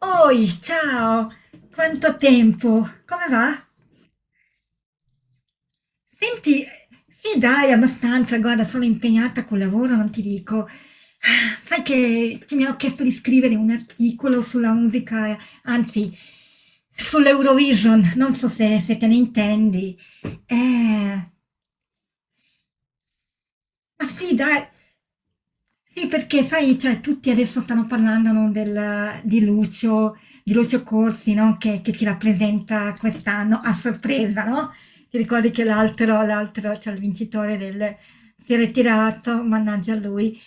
Oi, ciao! Quanto tempo! Come va? Senti, sì dai, abbastanza, guarda, sono impegnata col lavoro, non ti dico. Ah, sai che mi hanno chiesto di scrivere un articolo sulla musica, anzi, sull'Eurovision, non so se te ne intendi. Eh, Ma sì, dai. Sì, perché sai, cioè, tutti adesso stanno parlando, no, di Lucio Corsi, no, che ci rappresenta quest'anno a sorpresa, no? Ti ricordi che l'altro, cioè il vincitore del... si è ritirato, mannaggia a lui.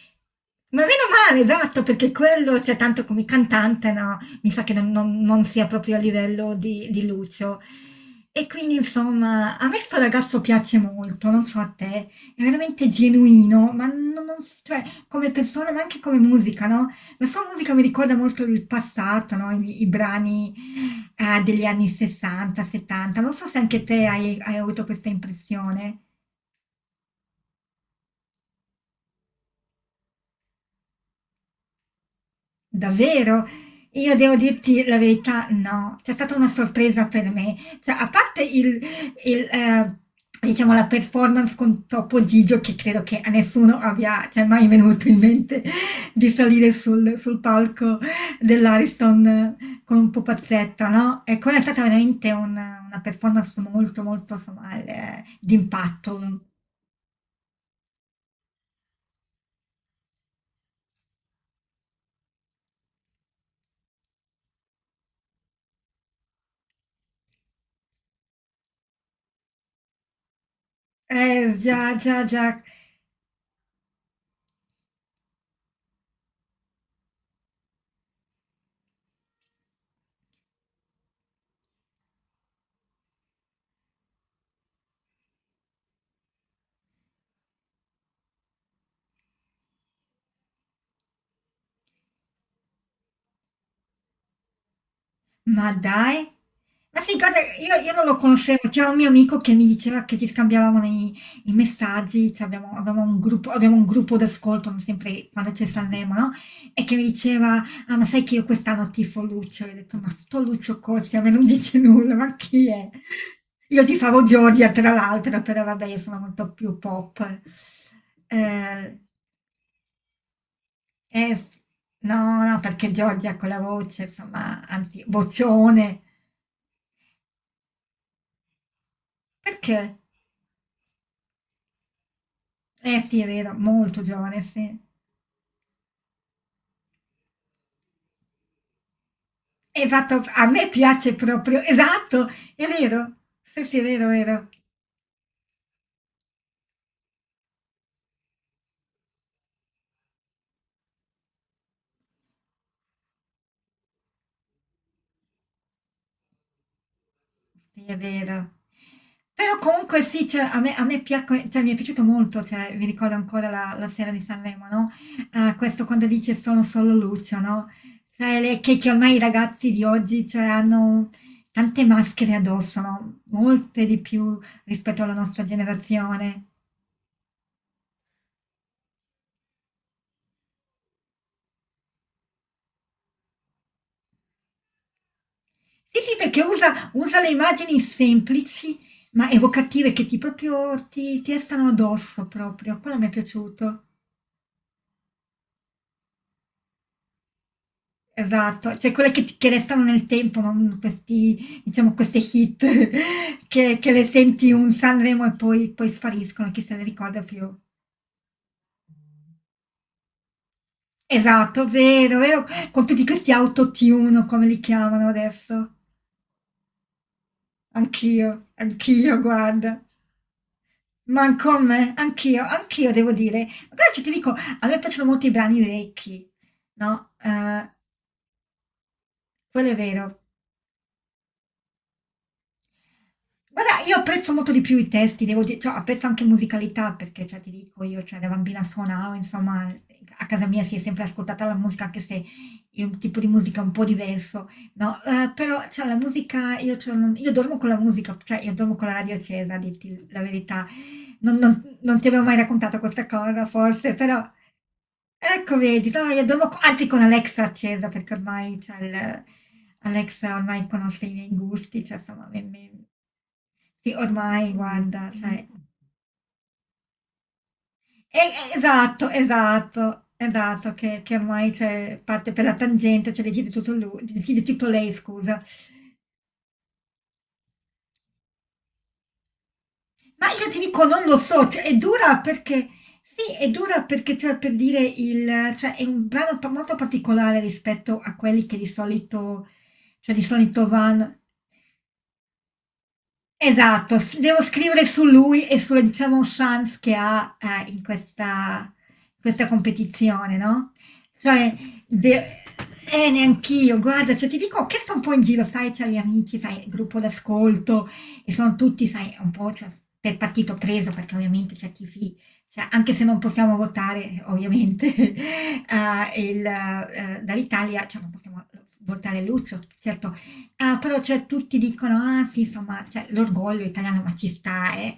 Ma meno male, esatto, perché quello, cioè, tanto come cantante, no, mi sa che non sia proprio a livello di Lucio. E quindi, insomma, a me sto ragazzo piace molto, non so a te. È veramente genuino, ma non, non s- cioè, come persona, ma anche come musica, no? La sua musica mi ricorda molto il passato, no? I brani degli anni 60, 70. Non so se anche te hai avuto questa impressione. Davvero? Io devo dirti la verità, no, c'è stata una sorpresa per me. Cioè, a parte il, eh, diciamo, la performance con Topo Gigio, che credo che a nessuno abbia, cioè, mai venuto in mente di salire sul palco dell'Ariston con un pupazzetta, no? E quella è stata veramente una performance molto, molto, insomma, d'impatto. Già, già, già. Ma dai! Ma sì, guarda, io non lo conoscevo, c'era un mio amico che mi diceva che ci scambiavamo i messaggi, cioè avevamo un gruppo, abbiamo un gruppo d'ascolto, no, sempre quando c'è Sanremo, no? E che mi diceva, ah ma sai che io quest'anno tifo Lucio? E ho detto, ma sto Lucio Corsi a me non dice nulla, ma chi è? Io tifavo Giorgia, tra l'altro, però vabbè, io sono molto più pop. Eh, eh, s- no, no, perché Giorgia ha quella voce, insomma, anzi, vocione. Perché? Eh sì, è vero, molto giovane, sì. Esatto, a me piace proprio, esatto, è vero. Sì, sì, è vero, è vero. Sì, è vero. Però comunque sì, cioè, a me cioè, mi è piaciuto molto, cioè, mi ricordo ancora la sera di Sanremo, no? Questo quando dice sono solo Lucio, no? Cioè, che ormai i ragazzi di oggi, cioè, hanno tante maschere addosso, no? Molte di più rispetto alla nostra generazione. Sì, sì, perché usa le immagini semplici ma evocative che ti restano addosso proprio. Quello mi è piaciuto. Esatto, cioè quelle che restano nel tempo, non questi, diciamo, queste hit che le senti un Sanremo e poi spariscono, chi se ne ricorda più. Esatto, vero, vero, con tutti questi autotune, o come li chiamano adesso. Anch'io, anch'io, guarda. Ma come? Anch'io, anch'io devo dire. Guarda che ti dico, a me piacciono molto i brani vecchi, no? Quello è vero. Guarda, io apprezzo molto di più i testi, devo dire, cioè, apprezzo anche musicalità, perché, cioè, ti dico, io, cioè, da bambina suonavo, insomma, a casa mia si è sempre ascoltata la musica, anche se è un tipo di musica un po' diverso, no? Però, cioè, la musica, io, cioè, io dormo con la musica, cioè, io dormo con la radio accesa, a dirti la verità. Non ti avevo mai raccontato questa cosa, forse, però... Ecco, vedi, no, io devo, anzi con Alexa accesa, perché ormai Alexa ormai conosce i miei gusti, cioè insomma, sì, ormai guarda, cioè, e- esatto, esatto, esatto, che ormai c'è, parte per la tangente, cioè decide tutto lui, decide tutto lei, scusa. Ma io ti dico, non lo so, cioè, è dura perché, sì, è dura perché, cioè, per dire, il, cioè, è un brano molto particolare rispetto a quelli che di solito, cioè, di solito vanno. Esatto, devo scrivere su lui e sulle, diciamo, chance che ha in questa competizione, no? Cioè, de- neanch'io, guarda, cioè, ti dico, ho chiesto un po' in giro, sai, tra gli amici, sai, il gruppo d'ascolto, e sono tutti, sai, un po' cioè, per partito preso, perché ovviamente cioè, anche se non possiamo votare, ovviamente, dall'Italia, cioè, non possiamo votare Lucio, certo. Ah, però cioè tutti dicono: "Ah sì, insomma, cioè l'orgoglio italiano, ma ci sta, eh".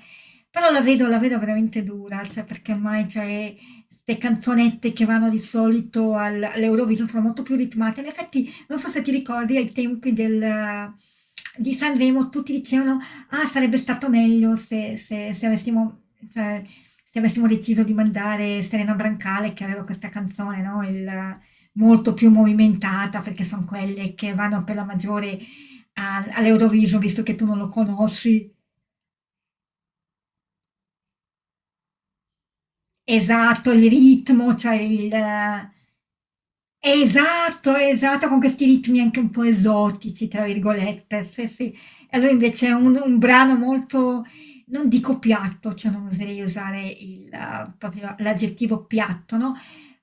Però la vedo veramente dura, cioè perché ormai, cioè, 'ste canzonette che vanno di solito al all'Eurovision sono molto più ritmate. In effetti, non so se ti ricordi ai tempi del di Sanremo tutti dicevano: "Ah, sarebbe stato meglio se avessimo cioè, se avessimo deciso di mandare Serena Brancale", che aveva questa canzone, no, il molto più movimentata, perché son quelle che vanno per la maggiore all'Eurovision, visto che tu non lo conosci. Esatto, il ritmo, cioè il... Esatto, esatto, con questi ritmi anche un po' esotici, tra virgolette. Sì, sì. E allora invece è un brano molto, non dico piatto, cioè non oserei usare proprio l'aggettivo piatto, no?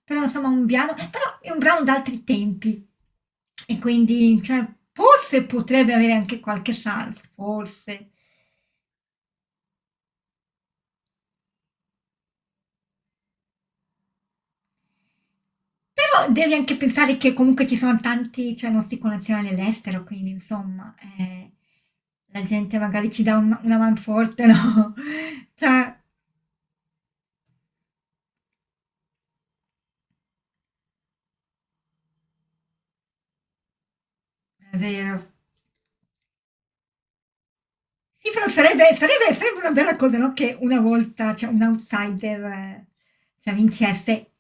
Però insomma un piano, però è un brano d'altri tempi. E quindi, cioè, forse potrebbe avere anche qualche chance, forse. Però devi anche pensare che comunque ci sono tanti, cioè nostri connazionali all'estero, quindi insomma, la gente magari ci dà una man forte, no? Cioè, è vero. Sì, però sarebbe una bella cosa, no? Che una volta, cioè, un outsider, cioè, vincesse.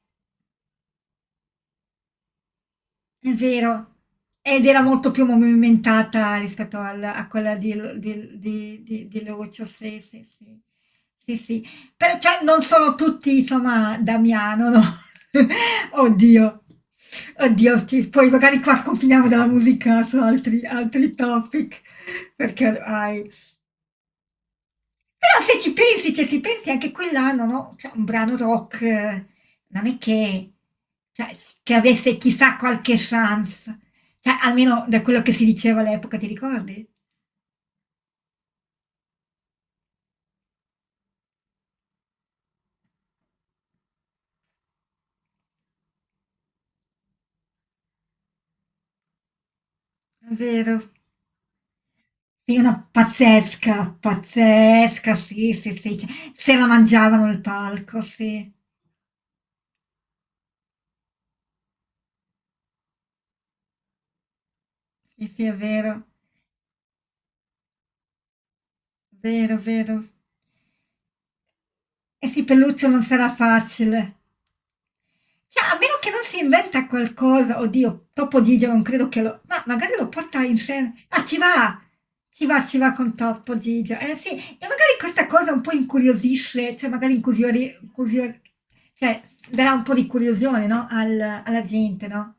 È vero, ed era molto più movimentata rispetto al a quella di l di Lucio, sì, sì, sì. Sì, sì. Però cioè non sono tutti insomma Damiano, no. Oddio, oddio sì, poi magari qua sconfiniamo dalla musica su altri topic, perché ormai però se ci pensi, cioè se pensi anche quell'anno, no? Cioè, un brano rock non è che, cioè, che avesse chissà qualche chance, cioè, almeno da quello che si diceva all'epoca, ti ricordi? È vero. Sì, una pazzesca, pazzesca, sì, sì, sì, cioè, se la mangiavano il palco, sì, sì, sì, è vero, vero, vero. E sì, Pelluccio non sarà facile. Cioè, a meno che non si inventa qualcosa, oddio, Topodigia non credo che lo... Ma magari lo porta in scena. Ah, ci va! Ci va, ci va con Topodigia. Eh sì, e magari questa cosa un po' incuriosisce, cioè cioè, darà un po' di curiosione, no? Alla gente, no?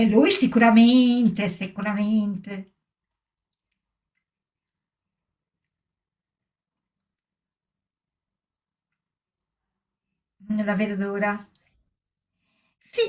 E lui sicuramente, sicuramente, non la vedo d'ora. Sì,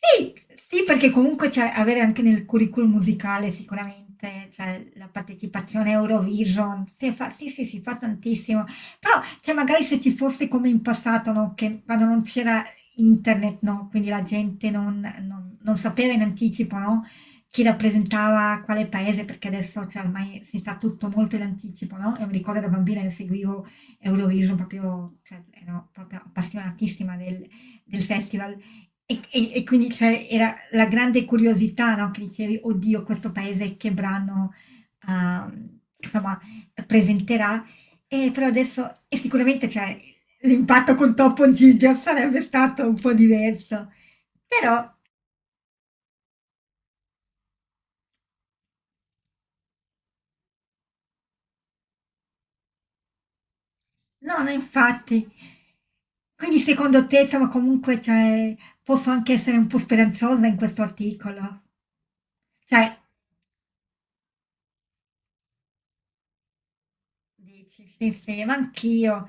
sì, sì, perché comunque cioè, avere anche nel curriculum musicale sicuramente cioè, la partecipazione a Eurovision, si fa, sì, sì, si fa tantissimo, però cioè, magari se ci fosse come in passato, no, che quando non c'era internet, no, quindi la gente non sapeva in anticipo, no, chi rappresentava quale paese, perché adesso cioè, ormai si sa tutto molto in anticipo, no? Io mi ricordo da bambina che seguivo Eurovision proprio, cioè, ero proprio appassionatissima del festival. E quindi c'è era la grande curiosità, no? Che dicevi, oddio, questo paese che brano, insomma, presenterà. E però adesso, e sicuramente cioè, l'impatto con Toppo Giger sarebbe stato un po' diverso. Però, no, no, infatti. Quindi secondo te, insomma, comunque, cioè, posso anche essere un po' speranzosa in questo articolo? Cioè, dici, sì, sì, ma anch'io.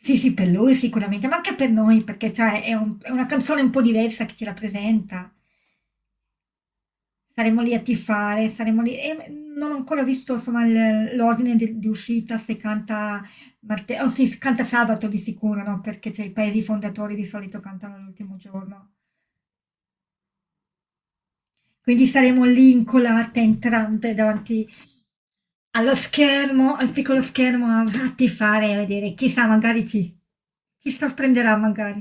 Sì, sì, per lui sicuramente, ma anche per noi, perché cioè, è, è una canzone un po' diversa che ci rappresenta. Saremo lì a tifare, saremo lì... E non ho ancora visto insomma, l'ordine di uscita, se canta, oh, sì, se canta sabato di sicuro, no? Perché cioè, i paesi fondatori di solito cantano l'ultimo giorno. Quindi saremo lì incolate, entrambe, davanti allo schermo, al piccolo schermo, a ti fare vedere, chissà magari ti sorprenderà magari.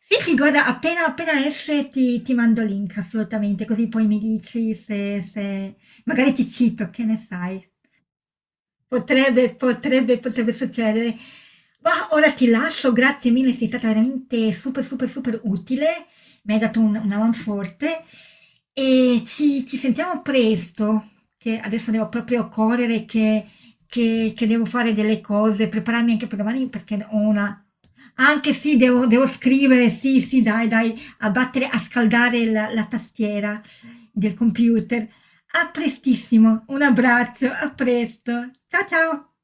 Sì, sì, guarda, appena appena esce ti mando il link assolutamente, così poi mi dici se magari ti cito, che ne sai. Potrebbe, potrebbe, potrebbe succedere. Ma ora ti lascio, grazie mille, sei stata veramente super, super, super utile. Mi hai dato una man forte e ci sentiamo presto, che adesso devo proprio correre, che devo fare delle cose, prepararmi anche per domani perché ho una... Anche sì, devo, devo scrivere, sì, sì, dai, dai, a battere, a scaldare la tastiera del computer. A prestissimo, un abbraccio, a presto. Ciao ciao.